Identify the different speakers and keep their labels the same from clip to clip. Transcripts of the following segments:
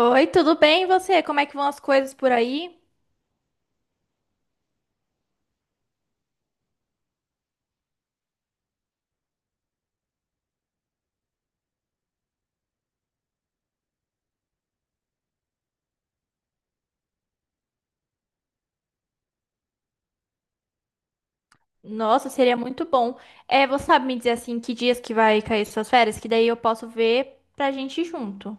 Speaker 1: Oi, tudo bem? E você? Como é que vão as coisas por aí? Nossa, seria muito bom. É, você sabe me dizer assim que dias que vai cair suas férias? Que daí eu posso ver pra gente ir junto.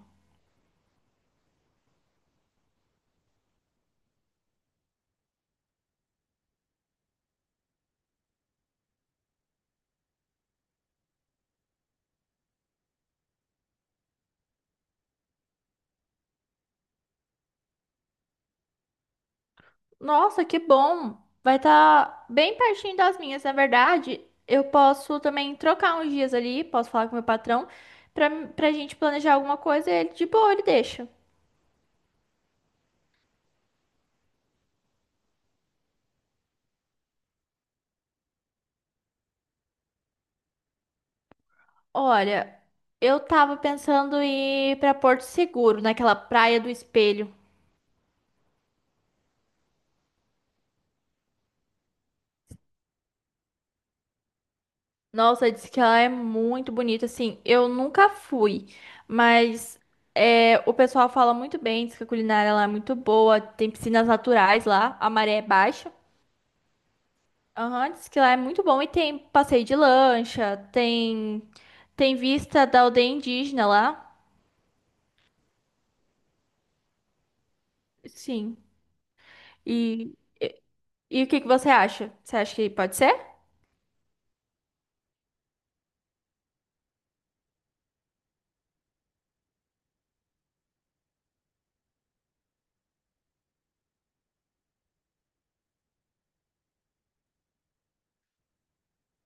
Speaker 1: Nossa, que bom! Vai estar bem pertinho das minhas, na verdade. Eu posso também trocar uns dias ali, posso falar com meu patrão pra gente planejar alguma coisa e ele de boa, ele deixa. Olha, eu tava pensando em ir pra Porto Seguro, naquela Praia do Espelho. Nossa, disse que ela é muito bonita. Assim, eu nunca fui, mas é, o pessoal fala muito bem. Diz que a culinária lá é muito boa. Tem piscinas naturais lá, a maré é baixa. Aham, diz que lá é muito bom. E tem passeio de lancha, tem vista da aldeia indígena lá. Sim. E, e o que que você acha? Você acha que pode ser?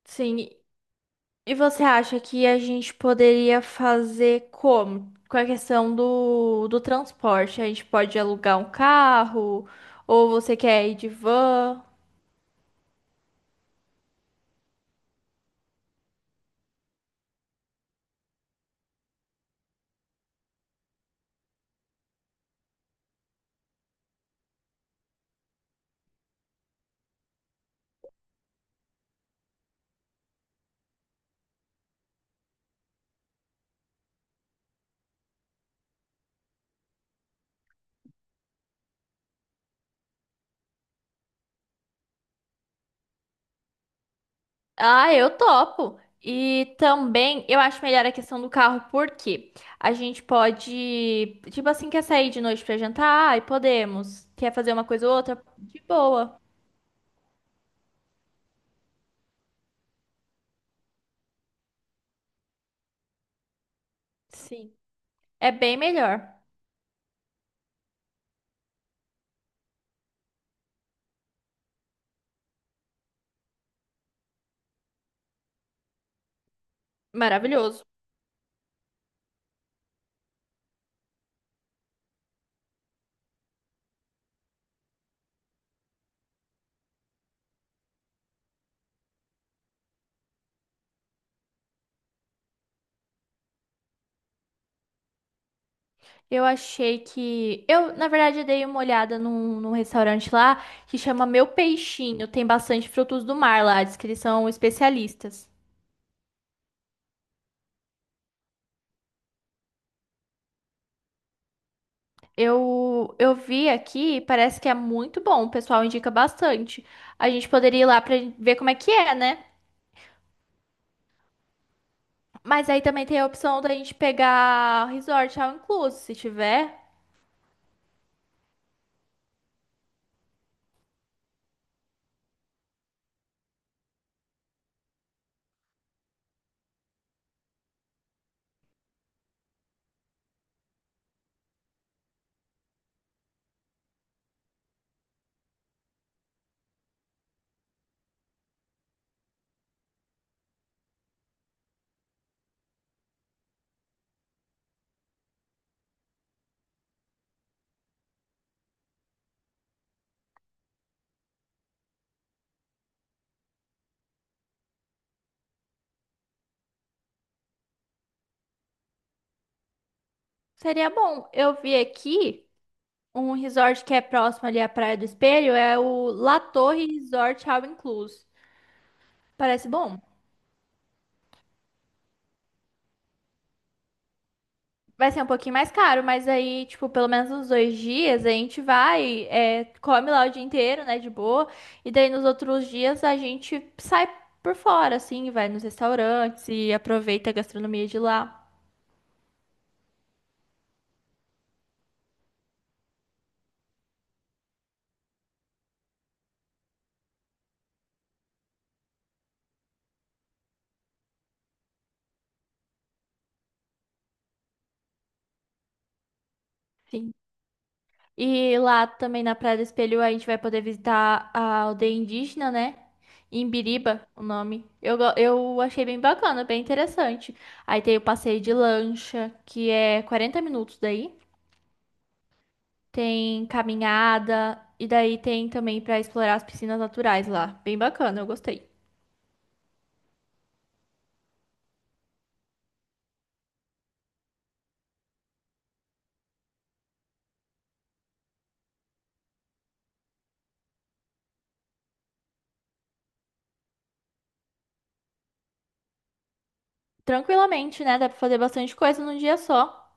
Speaker 1: Sim. E você acha que a gente poderia fazer como? Com a questão do transporte? A gente pode alugar um carro? Ou você quer ir de van? Ah, eu topo! E também eu acho melhor a questão do carro, porque a gente pode, tipo assim, quer sair de noite pra jantar? Ai, podemos. Quer fazer uma coisa ou outra? De boa. Sim. É bem melhor. Maravilhoso. Eu achei que. Eu, na verdade, dei uma olhada num restaurante lá que chama Meu Peixinho. Tem bastante frutos do mar lá, diz que eles são especialistas. Eu vi aqui, parece que é muito bom, o pessoal indica bastante. A gente poderia ir lá pra ver como é que é, né? Mas aí também tem a opção da gente pegar resort ao incluso, se tiver. Seria bom. Eu vi aqui um resort que é próximo ali à Praia do Espelho, é o La Torre Resort ao Inclusive. Parece bom. Vai ser um pouquinho mais caro, mas aí, tipo, pelo menos uns dois dias a gente vai, é, come lá o dia inteiro, né, de boa. E daí nos outros dias a gente sai por fora, assim, vai nos restaurantes e aproveita a gastronomia de lá. Sim. E lá também na Praia do Espelho a gente vai poder visitar a aldeia indígena, né? Imbiriba, o nome. Eu achei bem bacana, bem interessante. Aí tem o passeio de lancha, que é 40 minutos daí. Tem caminhada e daí tem também pra explorar as piscinas naturais lá. Bem bacana, eu gostei. Tranquilamente, né? Dá pra fazer bastante coisa num dia só.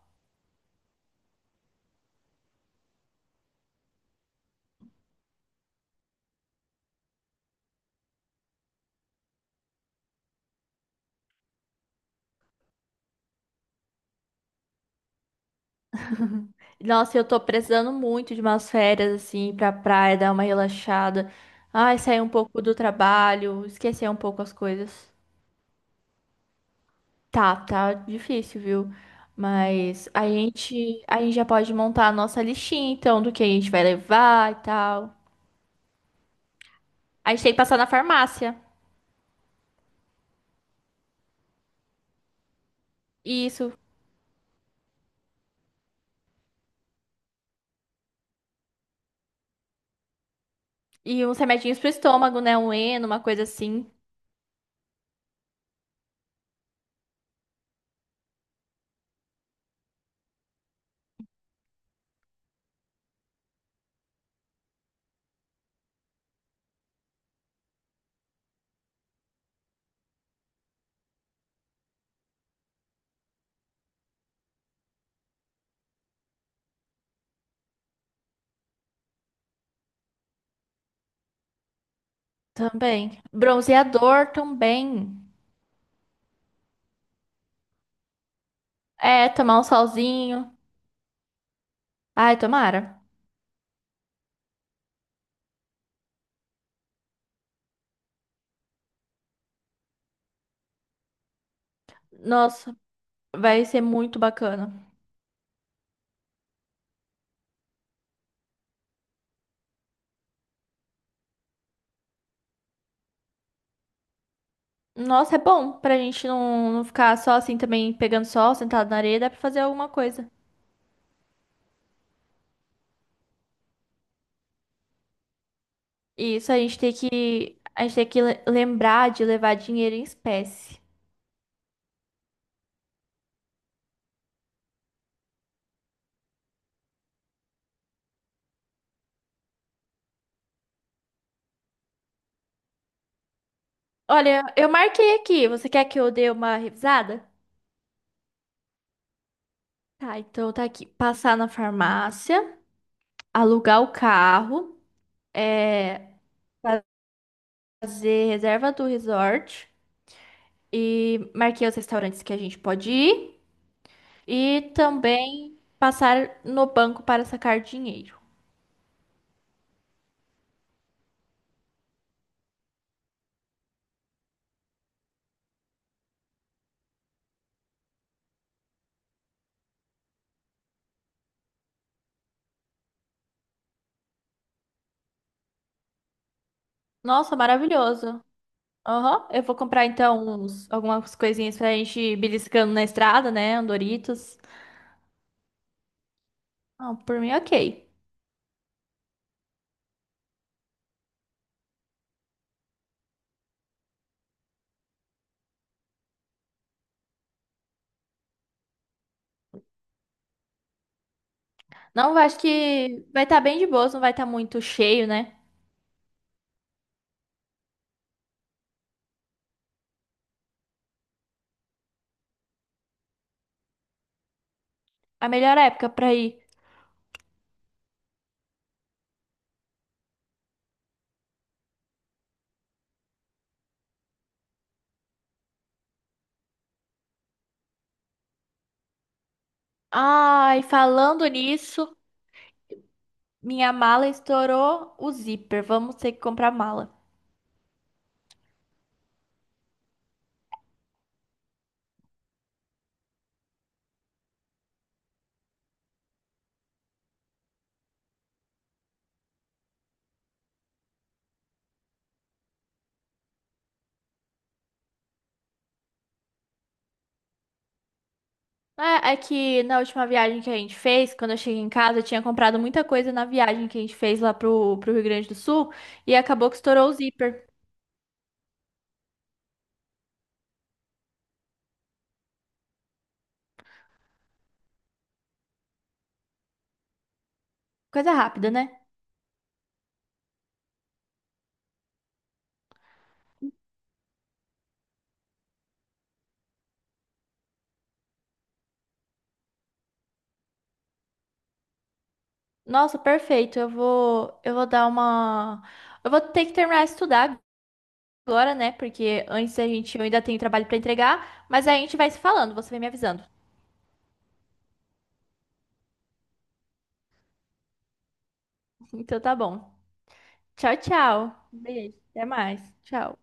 Speaker 1: Nossa, eu tô precisando muito de umas férias assim pra praia, dar uma relaxada. Ai, sair um pouco do trabalho, esquecer um pouco as coisas. Tá difícil, viu? Mas a gente já pode montar a nossa listinha, então, do que a gente vai levar e tal. A gente tem que passar na farmácia. Isso. E uns remedinhos pro estômago, né? Um Eno, uma coisa assim também. Bronzeador também. É, tomar um solzinho. Ai, tomara. Nossa, vai ser muito bacana. Nossa, é bom pra gente não, não ficar só assim também pegando sol, sentado na areia, dá pra fazer alguma coisa. E isso a gente tem que lembrar de levar dinheiro em espécie. Olha, eu marquei aqui. Você quer que eu dê uma revisada? Tá, então tá aqui. Passar na farmácia, alugar o carro. É, fazer reserva do resort e marquei os restaurantes que a gente pode ir e também passar no banco para sacar dinheiro. Nossa, maravilhoso. Aham, eu vou comprar então uns, algumas coisinhas pra gente ir beliscando na estrada, né? Um Doritos. Não, por mim, ok. Não, eu acho que vai estar bem de boas, não vai estar muito cheio, né? A melhor época pra ir. Ai, falando nisso. Minha mala estourou o zíper. Vamos ter que comprar mala. É, é que na última viagem que a gente fez, quando eu cheguei em casa, eu tinha comprado muita coisa na viagem que a gente fez lá pro Rio Grande do Sul e acabou que estourou o zíper. Coisa rápida, né? Nossa, perfeito. Eu vou dar uma. Eu vou ter que terminar de estudar agora, né? Porque antes a gente eu ainda tenho trabalho pra entregar, mas a gente vai se falando, você vai me avisando. Então tá bom. Tchau, tchau. Beijo, até mais. Tchau.